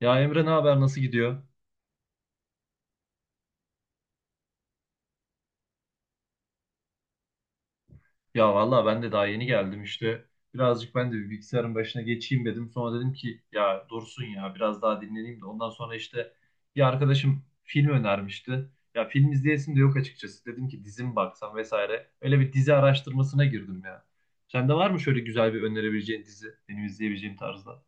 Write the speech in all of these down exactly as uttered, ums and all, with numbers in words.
Ya Emre ne haber nasıl gidiyor? Ya vallahi ben de daha yeni geldim işte. Birazcık ben de bir bilgisayarın başına geçeyim dedim. Sonra dedim ki ya dursun ya biraz daha dinleneyim de. Ondan sonra işte bir arkadaşım film önermişti. Ya film izleyesim de yok açıkçası. Dedim ki dizi mi baksam vesaire. Öyle bir dizi araştırmasına girdim ya. Sende var mı şöyle güzel bir önerebileceğin dizi? Benim izleyebileceğim tarzda.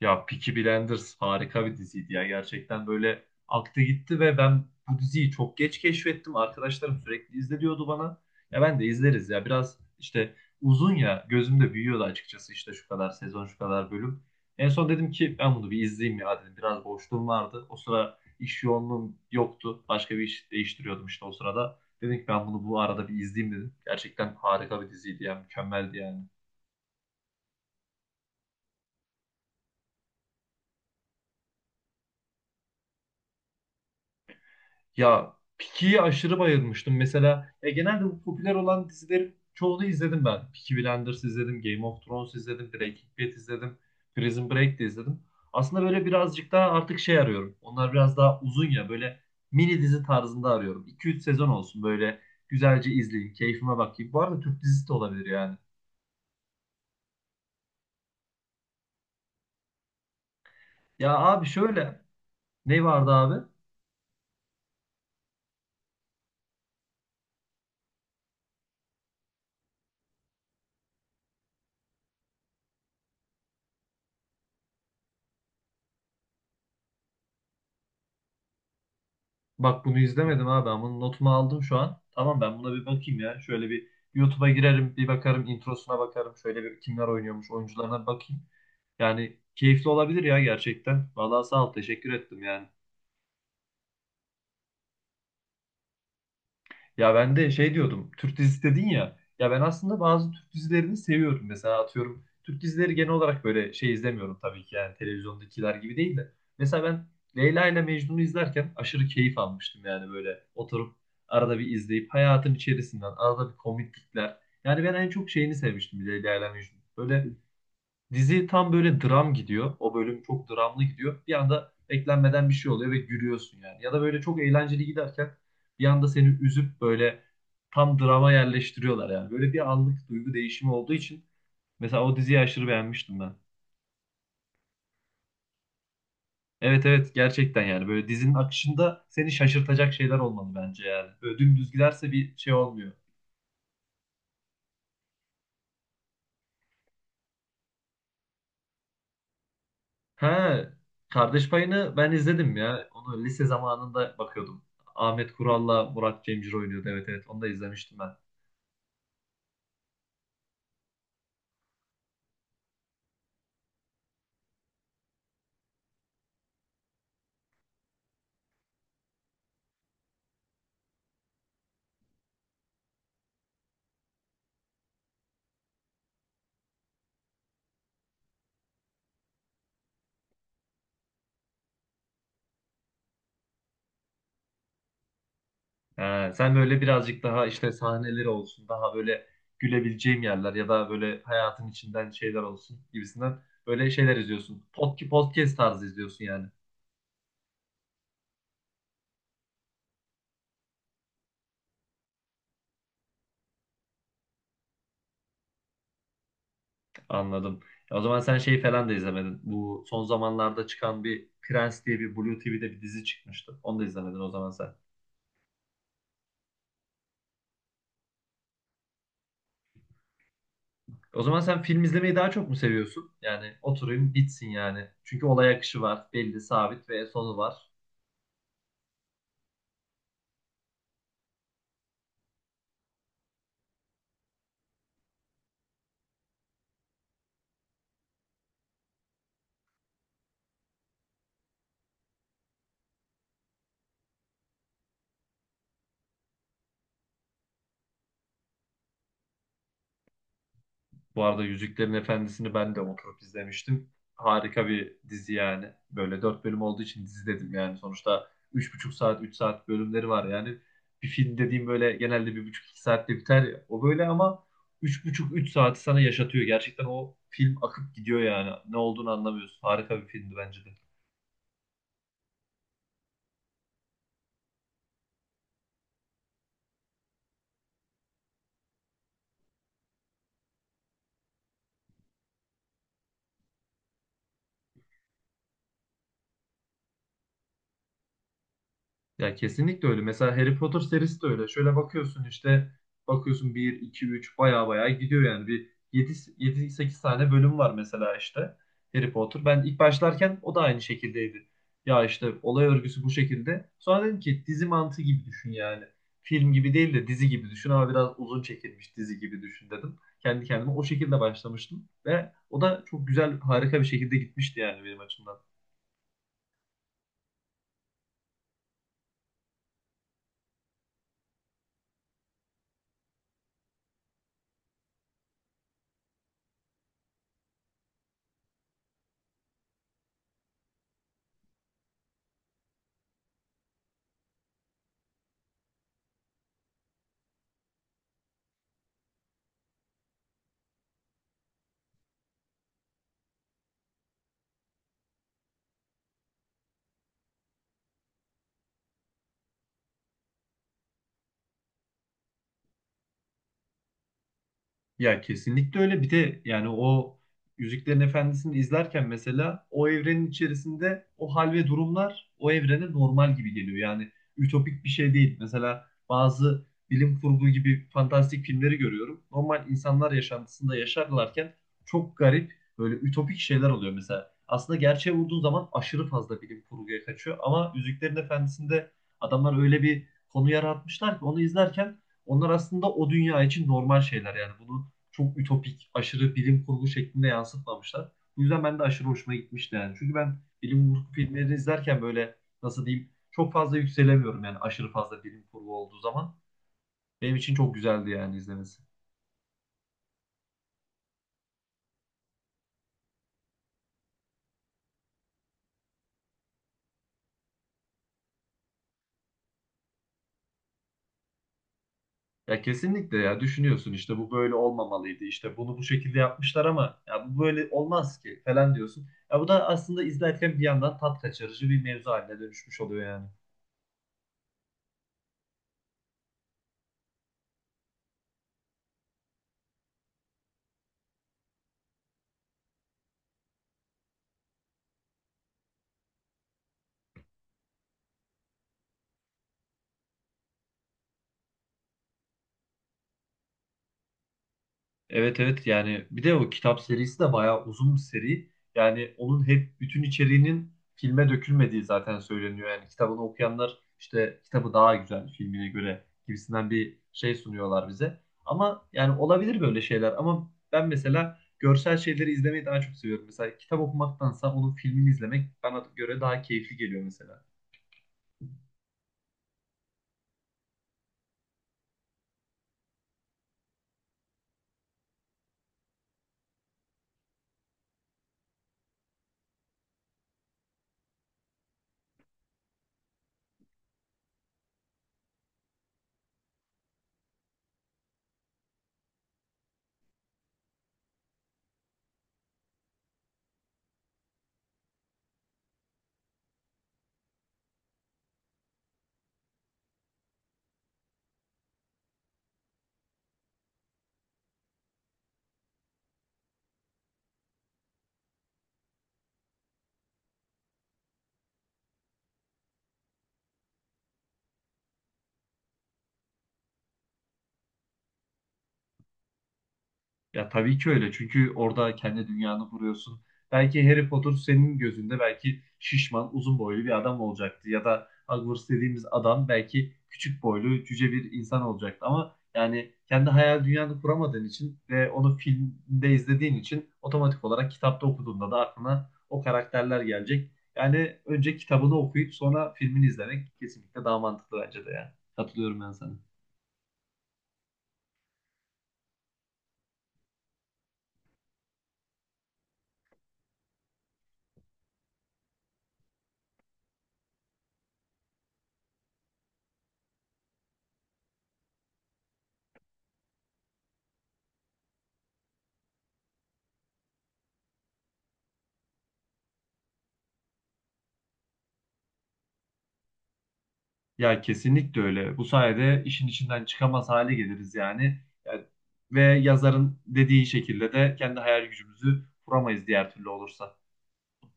Ya Peaky Blinders harika bir diziydi ya. Gerçekten böyle aktı gitti ve ben bu diziyi çok geç keşfettim. Arkadaşlarım sürekli izle diyordu bana. Ya ben de izleriz ya. Biraz işte uzun ya. Gözümde büyüyordu açıkçası işte şu kadar sezon, şu kadar bölüm. En son dedim ki ben bunu bir izleyeyim ya dedim. Biraz boşluğum vardı. O sıra iş yoğunluğum yoktu. Başka bir iş değiştiriyordum işte o sırada. Dedim ki ben bunu bu arada bir izleyeyim dedim. Gerçekten harika bir diziydi ya. Mükemmeldi yani. Ya Peaky'yi aşırı bayılmıştım. Mesela ya genelde bu popüler olan dizilerin çoğunu izledim ben. Peaky Blinders izledim, Game of Thrones izledim, Breaking Bad izledim, Prison Break de izledim. Aslında böyle birazcık daha artık şey arıyorum. Onlar biraz daha uzun ya böyle mini dizi tarzında arıyorum. iki üç sezon olsun böyle güzelce izleyeyim, keyfime bakayım. Bu arada Türk dizisi de olabilir yani. Ya abi şöyle ne vardı abi? Bak bunu izlemedim abi ama notumu aldım şu an. Tamam ben buna bir bakayım ya. Şöyle bir YouTube'a girerim, bir bakarım, introsuna bakarım. Şöyle bir kimler oynuyormuş, oyuncularına bakayım. Yani keyifli olabilir ya gerçekten. Vallahi sağ ol, teşekkür ettim yani. Ya ben de şey diyordum. Türk dizisi dedin ya. Ya ben aslında bazı Türk dizilerini seviyorum. Mesela atıyorum Türk dizileri genel olarak böyle şey izlemiyorum tabii ki yani televizyondakiler gibi değil de. Mesela ben Leyla ile Mecnun'u izlerken aşırı keyif almıştım yani böyle oturup arada bir izleyip hayatın içerisinden arada bir komiklikler. Yani ben en çok şeyini sevmiştim Leyla ile Mecnun. Böyle dizi tam böyle dram gidiyor. O bölüm çok dramlı gidiyor. Bir anda beklenmeden bir şey oluyor ve gülüyorsun yani. Ya da böyle çok eğlenceli giderken bir anda seni üzüp böyle tam drama yerleştiriyorlar yani. Böyle bir anlık duygu değişimi olduğu için mesela o diziyi aşırı beğenmiştim ben. Evet, evet, gerçekten yani böyle dizinin akışında seni şaşırtacak şeyler olmalı bence yani. Böyle dümdüz giderse bir şey olmuyor. Ha, Kardeş Payı'nı ben izledim ya. Onu lise zamanında bakıyordum. Ahmet Kural'la Murat Cemcir oynuyordu. Evet, evet, onu da izlemiştim ben. Ee, sen böyle birazcık daha işte sahneleri olsun, daha böyle gülebileceğim yerler ya da böyle hayatın içinden şeyler olsun gibisinden böyle şeyler izliyorsun. Pod podcast tarzı izliyorsun yani. Anladım. O zaman sen şey falan da izlemedin. Bu son zamanlarda çıkan bir Prens diye bir Blue T V'de bir dizi çıkmıştı. Onu da izlemedin o zaman sen. O zaman sen film izlemeyi daha çok mu seviyorsun? Yani oturayım bitsin yani. Çünkü olay akışı var, belli, sabit ve sonu var. Bu arada Yüzüklerin Efendisi'ni ben de oturup izlemiştim. Harika bir dizi yani. Böyle dört bölüm olduğu için dizi dedim yani. Sonuçta üç buçuk saat, üç saat bölümleri var yani. Bir film dediğim böyle genelde bir buçuk, iki saatte biter ya. O böyle ama üç buçuk, üç saati sana yaşatıyor. Gerçekten o film akıp gidiyor yani. Ne olduğunu anlamıyorsun. Harika bir filmdi bence de. Ya kesinlikle öyle. Mesela Harry Potter serisi de öyle. Şöyle bakıyorsun işte bakıyorsun bir iki üç baya baya gidiyor yani. Bir yedi yedi sekiz tane bölüm var mesela işte Harry Potter. Ben ilk başlarken o da aynı şekildeydi. Ya işte olay örgüsü bu şekilde. Sonra dedim ki dizi mantığı gibi düşün yani. Film gibi değil de dizi gibi düşün ama biraz uzun çekilmiş dizi gibi düşün dedim. Kendi kendime o şekilde başlamıştım ve o da çok güzel harika bir şekilde gitmişti yani benim açımdan. Ya kesinlikle öyle. Bir de yani o Yüzüklerin Efendisi'ni izlerken mesela o evrenin içerisinde o hal ve durumlar o evrene normal gibi geliyor. Yani ütopik bir şey değil. Mesela bazı bilim kurgu gibi fantastik filmleri görüyorum. Normal insanlar yaşantısında yaşarlarken çok garip böyle ütopik şeyler oluyor mesela. Aslında gerçeğe vurduğun zaman aşırı fazla bilim kurguya kaçıyor. Ama Yüzüklerin Efendisi'nde adamlar öyle bir konu yaratmışlar ki onu izlerken onlar aslında o dünya için normal şeyler yani bunu çok ütopik, aşırı bilim kurgu şeklinde yansıtmamışlar. Bu yüzden ben de aşırı hoşuma gitmişti yani. Çünkü ben bilim kurgu filmleri izlerken böyle nasıl diyeyim çok fazla yükselemiyorum yani aşırı fazla bilim kurgu olduğu zaman. Benim için çok güzeldi yani izlemesi. Ya kesinlikle ya düşünüyorsun işte bu böyle olmamalıydı işte bunu bu şekilde yapmışlar ama ya bu böyle olmaz ki falan diyorsun. Ya bu da aslında izlerken bir yandan tat kaçırıcı bir mevzu haline dönüşmüş oluyor yani. Evet, evet, yani bir de o kitap serisi de bayağı uzun bir seri. Yani onun hep bütün içeriğinin filme dökülmediği zaten söyleniyor. Yani kitabını okuyanlar işte kitabı daha güzel filmine göre gibisinden bir şey sunuyorlar bize. Ama yani olabilir böyle şeyler ama ben mesela görsel şeyleri izlemeyi daha çok seviyorum. Mesela kitap okumaktansa onun filmini izlemek bana göre daha keyifli geliyor mesela. Ya tabii ki öyle. Çünkü orada kendi dünyanı kuruyorsun. Belki Harry Potter senin gözünde belki şişman, uzun boylu bir adam olacaktı. Ya da Hogwarts dediğimiz adam belki küçük boylu, cüce bir insan olacaktı. Ama yani kendi hayal dünyanı kuramadığın için ve onu filmde izlediğin için otomatik olarak kitapta okuduğunda da aklına o karakterler gelecek. Yani önce kitabını okuyup sonra filmini izlemek kesinlikle daha mantıklı bence de ya. Katılıyorum ben sana. Ya kesinlikle öyle. Bu sayede işin içinden çıkamaz hale geliriz yani. Yani ve yazarın dediği şekilde de kendi hayal gücümüzü kuramayız diğer türlü olursa.